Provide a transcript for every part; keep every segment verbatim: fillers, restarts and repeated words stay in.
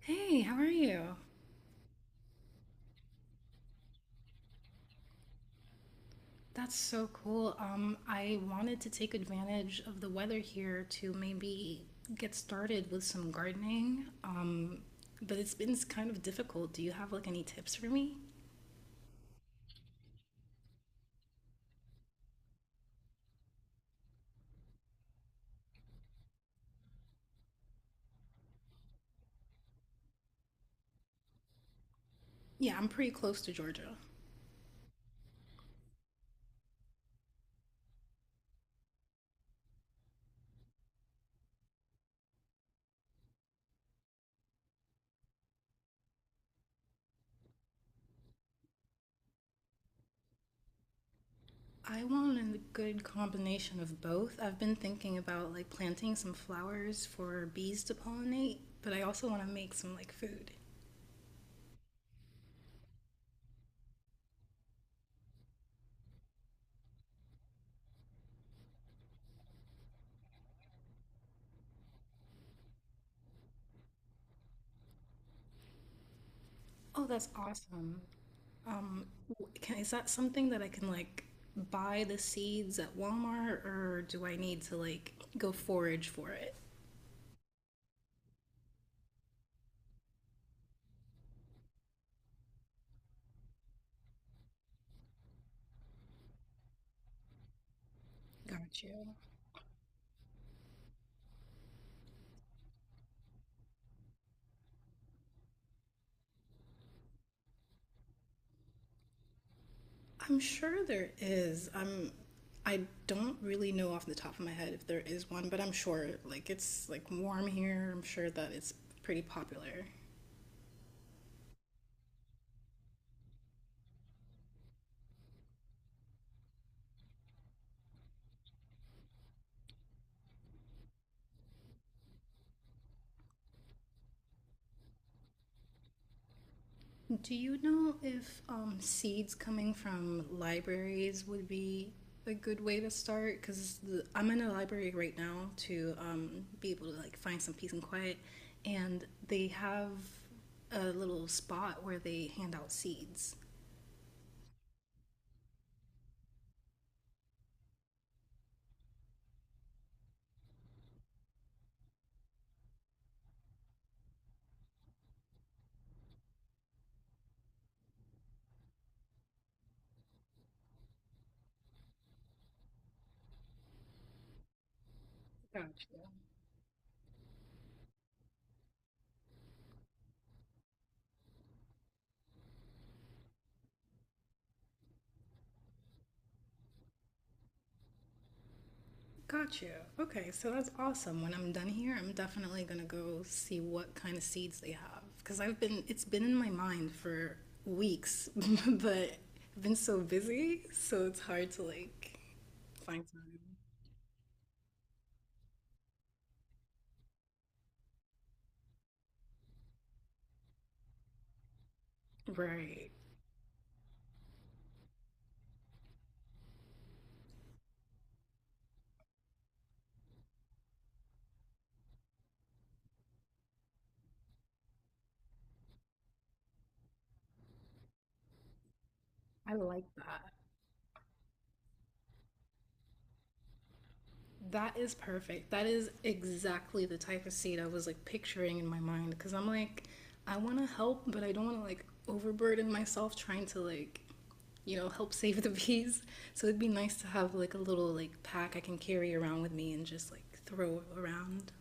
Hey, how are you? That's so cool. Um, I wanted to take advantage of the weather here to maybe get started with some gardening. Um, but it's been kind of difficult. Do you have like any tips for me? Yeah, I'm pretty close to Georgia. I want a good combination of both. I've been thinking about like planting some flowers for bees to pollinate, but I also want to make some like food. Oh, that's awesome. Um, w- can, is that something that I can like buy the seeds at Walmart or do I need to like go forage for it? Got you. I'm sure there is. I'm I don't really know off the top of my head if there is one, but I'm sure like it's like warm here. I'm sure that it's pretty popular. Do you know if um, seeds coming from libraries would be a good way to start? Because I'm in a library right now to um, be able to like find some peace and quiet, and they have a little spot where they hand out seeds. Gotcha. Got you. Okay, so that's awesome. When I'm done here, I'm definitely gonna go see what kind of seeds they have because I've been it's been in my mind for weeks, but I've been so busy, so it's hard to like find time. Right. I like that. That is perfect. That is exactly the type of seed I was like picturing in my mind because I'm like, I want to help, but I don't want to like overburden myself trying to like, you know, help save the bees. So it'd be nice to have like a little like pack I can carry around with me and just like throw around.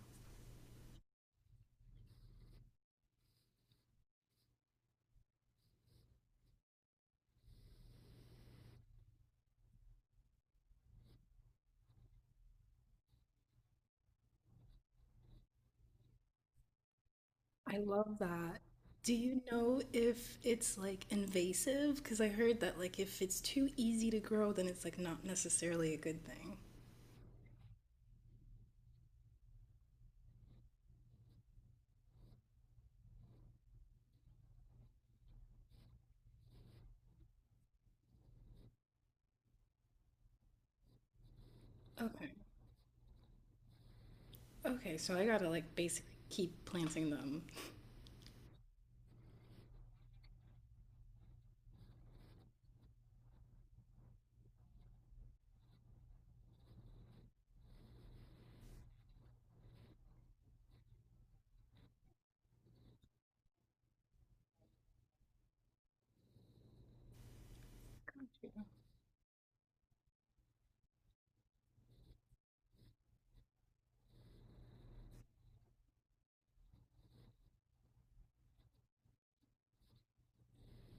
I love that. Do you know if it's like invasive? Because I heard that like if it's too easy to grow, then it's like not necessarily a good thing. Okay. Okay, so I gotta like basically keep planting them.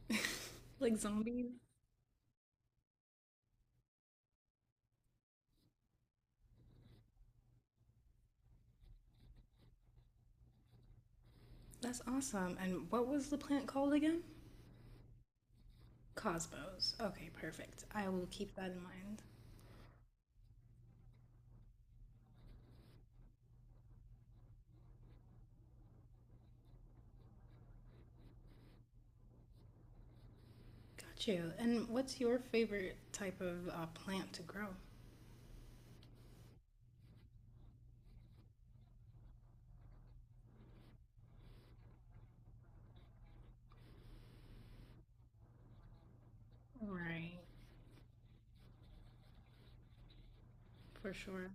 Like zombies. That's awesome. And what was the plant called again? Cosmos. Okay, perfect. I will keep that in mind. Got you. And what's your favorite type of uh, plant to grow? Right, for sure.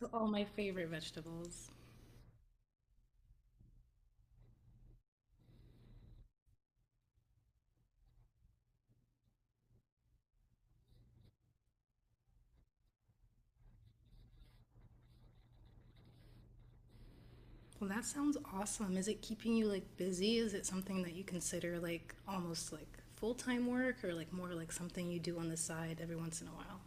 So all my favorite vegetables. Well, that sounds awesome. Is it keeping you like busy? Is it something that you consider like almost like full-time work or like more like something you do on the side every once in a while?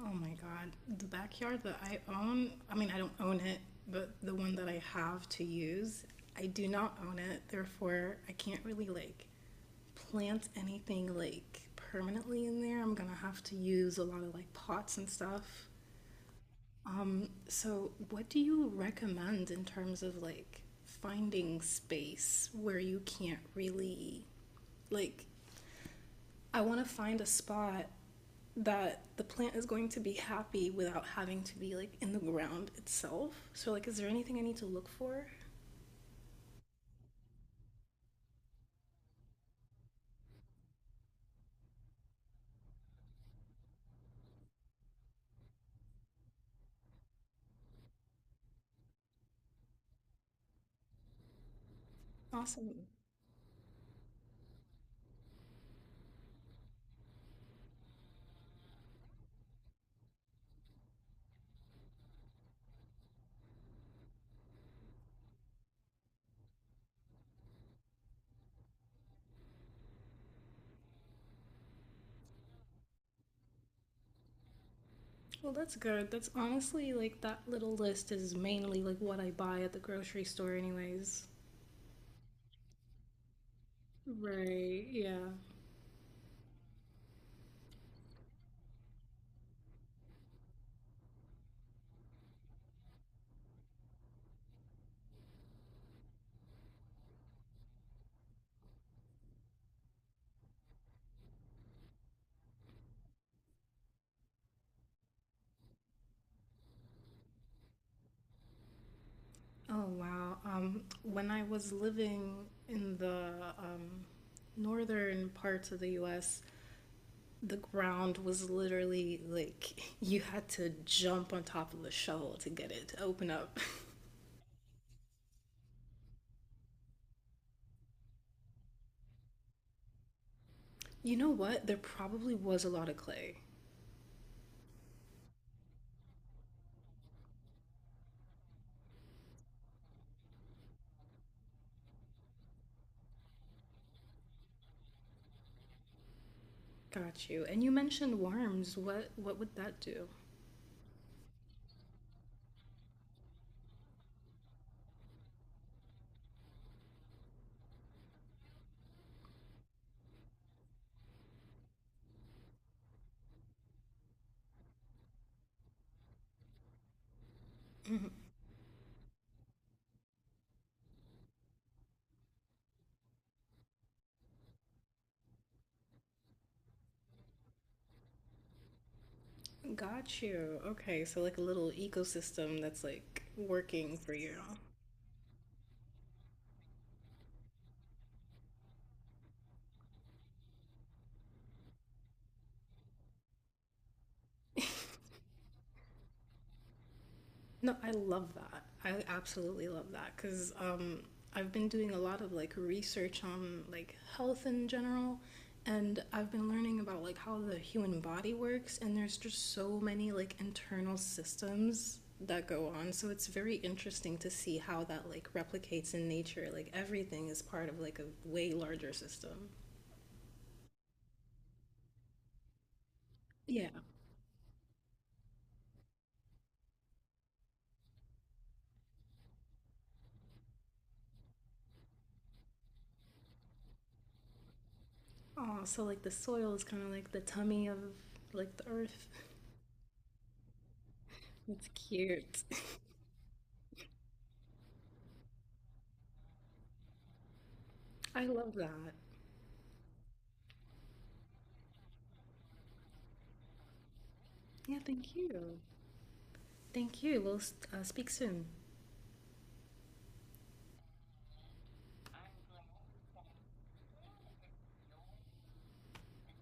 Oh my God. The backyard that I own, I mean, I don't own it, but the one that I have to use, I do not own it. Therefore, I can't really like plant anything like permanently in there. I'm gonna have to use a lot of like pots and stuff. So, what do you recommend in terms of like finding space where you can't really like? I want to find a spot that the plant is going to be happy without having to be like in the ground itself. So like is there anything I need to look for? Awesome. Well, that's good. That's honestly like that little list is mainly like what I buy at the grocery store anyways. Right, yeah. Oh wow. Um when I was living in the um northern parts of the U S, the ground was literally like you had to jump on top of a shovel to get it to open up. You know what? There probably was a lot of clay. Got you. And you mentioned worms. What what would that do? Got you. Okay, so like a little ecosystem that's like working for you. No, I love that. I absolutely love that because um, I've been doing a lot of like research on like health in general, and I've been learning about like how the human body works, and there's just so many like internal systems that go on. So it's very interesting to see how that like replicates in nature. Like everything is part of like a way larger system. Yeah. Oh, so like the soil is kind of like the tummy of like the earth. It's cute. I love that. Yeah, thank you. Thank you. We'll s- uh, speak soon.